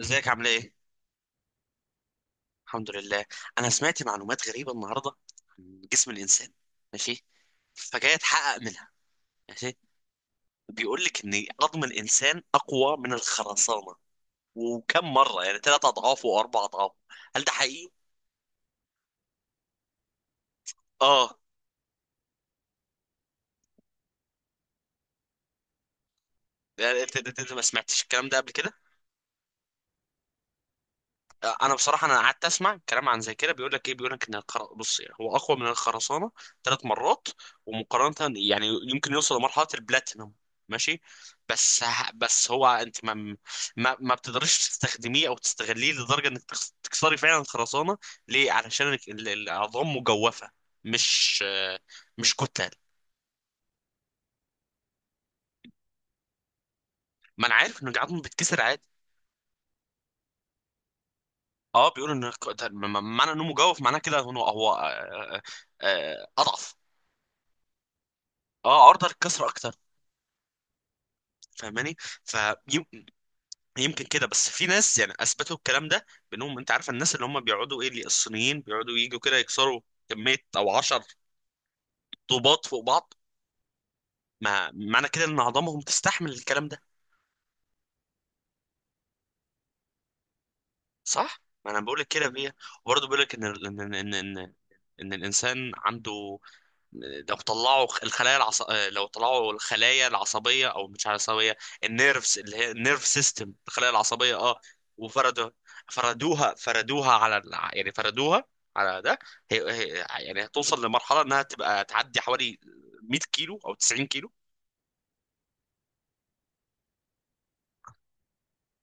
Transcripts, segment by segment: ازيك عامل ايه؟ الحمد لله. انا سمعت معلومات غريبه النهارده عن جسم الانسان. ماشي. فجاي اتحقق منها. ماشي. بيقول لك ان عظم الانسان اقوى من الخرسانه، وكم مره، يعني ثلاث اضعاف واربع اضعاف. هل ده حقيقي؟ اه. يعني انت ما سمعتش الكلام ده قبل كده؟ انا بصراحه، انا قعدت اسمع كلام عن زي كده، بيقول لك ايه، بيقول لك ان بص، يعني هو اقوى من الخرسانه ثلاث مرات، ومقارنه يعني يمكن يوصل لمرحله البلاتينوم. ماشي. بس. بس هو انت ما بتقدريش تستخدميه او تستغليه لدرجه انك تكسري فعلا الخرسانه. ليه؟ علشان العظام مجوفه، مش، مش كتل. ما انا عارف ان العظم بتكسر عادي. اه، بيقول ان معنى انه مجوف، معناه كده انه هو اضعف. اه، عرضة للكسر اكتر. فاهماني؟ فيمكن كده. بس في ناس يعني اثبتوا الكلام ده بانهم، انت عارف الناس اللي هم بيقعدوا ايه، اللي الصينيين بيقعدوا يجوا كده يكسروا كميه او 10 طوبات فوق بعض. ما معنى كده ان عظامهم تستحمل الكلام ده. صح؟ ما انا بقول لك كده فيها. وبرضه بيقول لك ان ان الانسان عنده، لو طلعوا الخلايا العص... لو طلعوا الخلايا العصبيه، او مش عصبيه، النيرفز اللي هي النيرف سيستم، الخلايا العصبيه اه، وفردوا، يعني فردوها على ده، يعني هتوصل لمرحله انها تبقى تعدي حوالي 100 كيلو او 90 كيلو.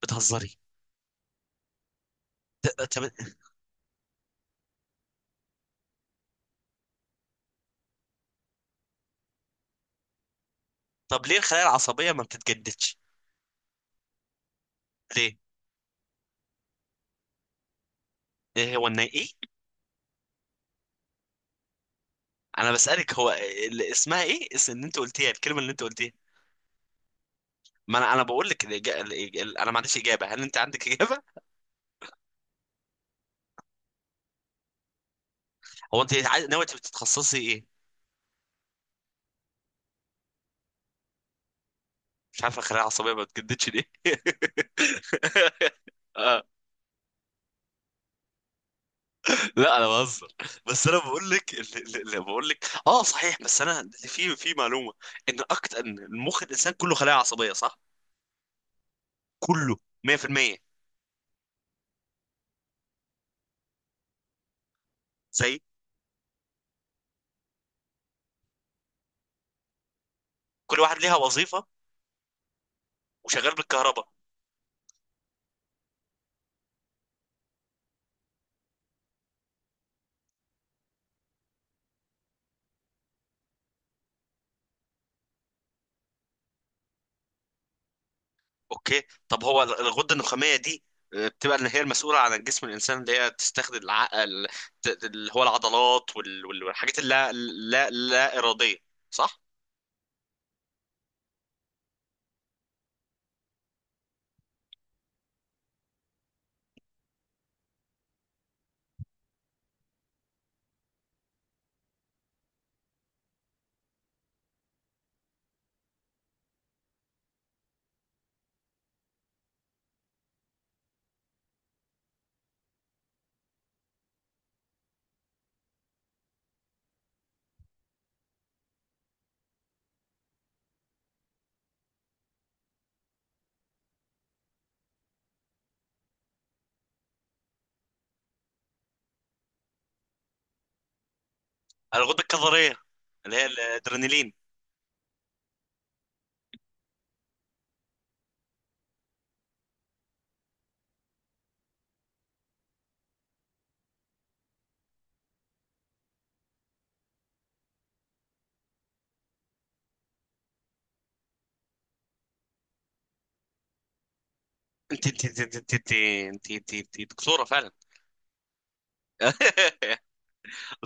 بتهزري؟ طب. طب ليه الخلايا العصبيه ما بتتجددش؟ ليه؟ إيه هو النا ايه؟ انا بسالك، اسمها ايه؟ ان انت قلتيها الكلمه اللي انت قلتيها. ما انا بقول لك انا ما عنديش اجابه. هل انت عندك اجابه؟ هو ناوي تتخصصي ايه؟ مش عارف الخلايا العصبيه ما بتجددش ليه. آه. لا، انا بهزر. بس انا بقول لك اللي بقول لك اه، صحيح. بس انا في، معلومه ان اكتر، ان المخ الانسان كله خلايا عصبيه، صح؟ كله 100%. زي، كل واحد ليها وظيفه وشغال بالكهرباء. اوكي. طب هو الغده النخاميه دي، بتبقى اللي هي المسؤوله عن جسم الانسان، اللي هي تستخدم العقل، اللي هو العضلات والحاجات اللا لا لا اراديه، صح؟ الغده الكظريه اللي هي الادرينالين. انت انت انت انت انت انت, انت, انت, انت دكتوره فعلا.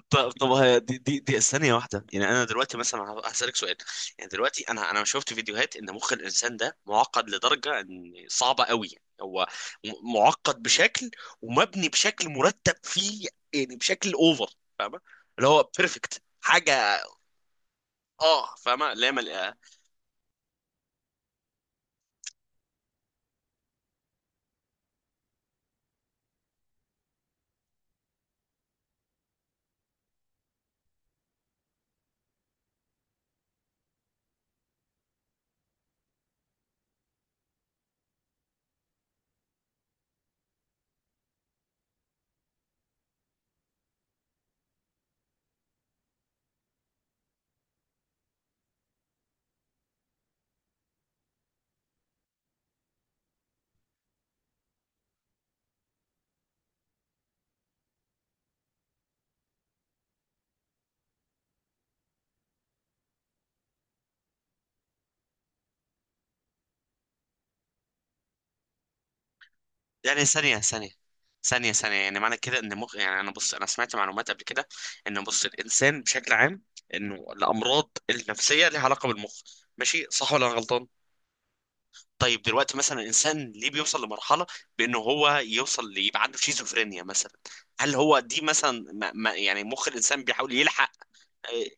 طب، طب هي دي ثانية واحدة، يعني أنا دلوقتي مثلا هسألك سؤال. يعني دلوقتي أنا شفت فيديوهات إن مخ الإنسان ده معقد لدرجة إن صعبة قوي. هو معقد بشكل، ومبني بشكل مرتب فيه، يعني بشكل أوفر. فاهمة؟ اللي هو بيرفكت حاجة. أه، فاهمة. لا مل... آه. يعني ثانية. يعني معنى كده إن مخ، يعني أنا، بص أنا سمعت معلومات قبل كده إن، بص الإنسان بشكل عام، إنه الأمراض النفسية ليها علاقة بالمخ. ماشي؟ صح ولا أنا غلطان؟ طيب دلوقتي مثلا الانسان ليه بيوصل لمرحله بانه هو يبقى عنده شيزوفرينيا مثلا؟ هل هو دي مثلا ما يعني مخ الانسان بيحاول يلحق؟ آه.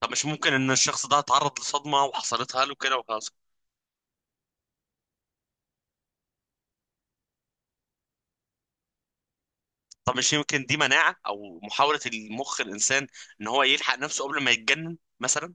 طب مش ممكن ان الشخص ده اتعرض لصدمه وحصلتها له كده وخلاص؟ طب مش يمكن دي مناعه او محاوله المخ الانسان ان هو يلحق نفسه قبل ما يتجنن مثلا؟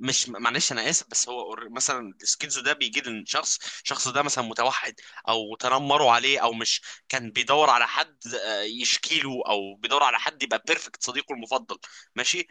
مش، معلش انا اسف، بس هو مثلا السكيزو ده بيجي للشخص، الشخص ده مثلا متوحد او تنمروا عليه او مش، كان بيدور على حد يشكي له، او بيدور على حد يبقى بيرفكت صديقه المفضل. ماشي.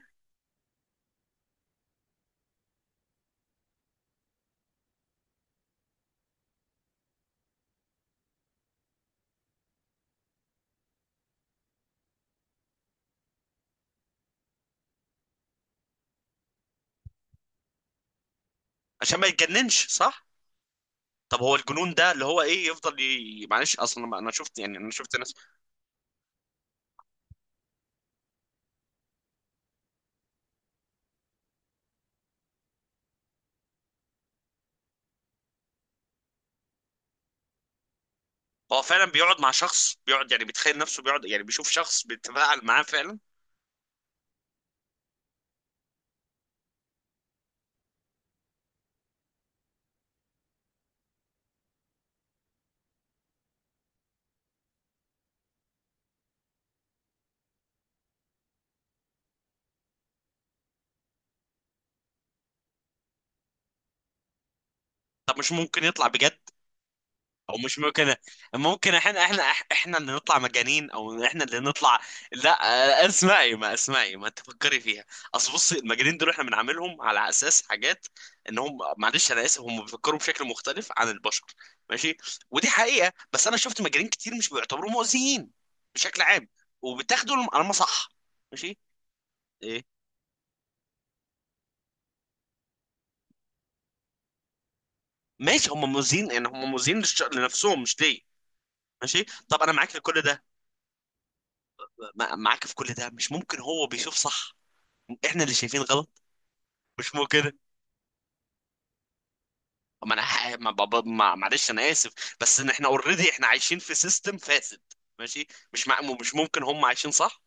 عشان ما يتجننش، صح؟ طب هو الجنون ده اللي هو ايه يفضل معلش، اصلا ما انا شفت، يعني انا شفت ناس. هو فعلا بيقعد مع شخص، بيقعد يعني بيتخيل نفسه، بيقعد يعني بيشوف شخص بيتفاعل معاه فعلا. طب مش ممكن يطلع بجد؟ او مش ممكن، ممكن احنا، احنا اللي نطلع مجانين، او احنا اللي نطلع؟ لا. اسمعي، ما اسمعي، ما تفكري فيها. اصل بصي، المجانين دول احنا بنعاملهم على اساس حاجات انهم، معلش انا اسف، هم بيفكروا بشكل مختلف عن البشر، ماشي؟ ودي حقيقة. بس انا شفت مجانين كتير مش بيعتبروا مؤذيين بشكل عام. وبتاخدوا على ما صح. ماشي. ايه؟ ماشي. هم مؤذيين، يعني هم مؤذيين لنفسهم، مش ليا. ماشي. طب انا معاك في كل ده. معاك في كل ده، مش ممكن هو بيشوف صح، احنا اللي شايفين غلط؟ مش مو كده. ما انا ح- ما بابا ما معلش انا اسف، بس ان احنا اوريدي احنا عايشين في سيستم فاسد، ماشي؟ مش ممكن هم عايشين صح؟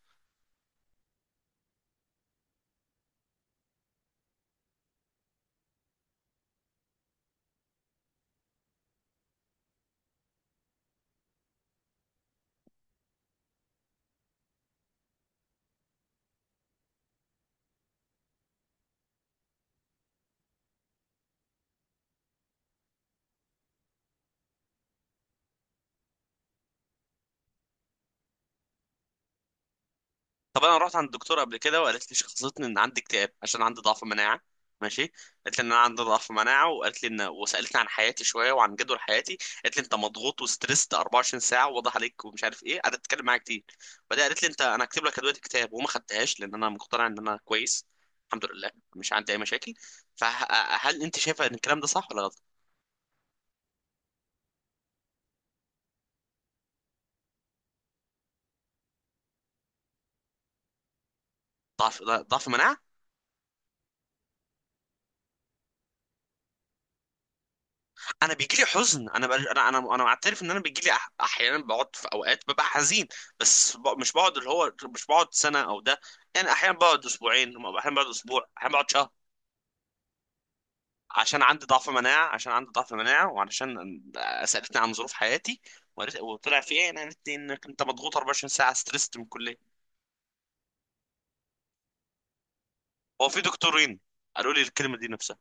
طب انا رحت عند الدكتور قبل كده وقالت لي، شخصتني ان عندي اكتئاب عشان عندي ضعف مناعه. ماشي. قالت لي ان انا عندي ضعف مناعه، وقالت لي ان، وسالتني عن حياتي شويه وعن جدول حياتي، قالت لي انت مضغوط وستريسد 24 ساعه، واضح عليك، ومش عارف ايه، قعدت تتكلم معايا كتير. بعدين قالت لي انت، انا هكتب لك ادويه اكتئاب، وما خدتهاش لان انا مقتنع ان انا كويس، الحمد لله، مش عندي اي مشاكل. فهل انت شايفه ان الكلام ده صح ولا غلط؟ ضعف مناعه. انا بيجي لي حزن، انا بقى انا معترف ان انا بيجي لي احيانا، بقعد في اوقات ببقى حزين. مش بقعد، اللي هو مش بقعد سنه او ده، يعني احيانا بقعد اسبوعين، احيانا بقعد اسبوع، احيانا بقعد شهر. عشان عندي ضعف مناعه، عشان عندي ضعف مناعه وعشان سالتني عن ظروف حياتي، وطلع في ايه انا، قالت لي انك انت مضغوط 24 ساعه ستريسد من الكليه. هو في دكتورين قالوا لي الكلمه دي نفسها.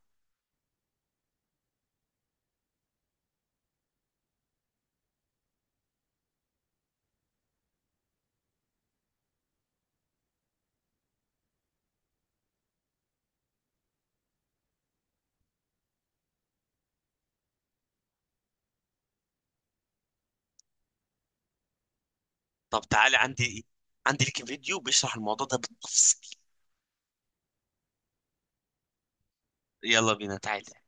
طب تعالي، عندي، ايه، عندي ليك فيديو بيشرح الموضوع ده بالتفصيل. يلا بينا، تعالي.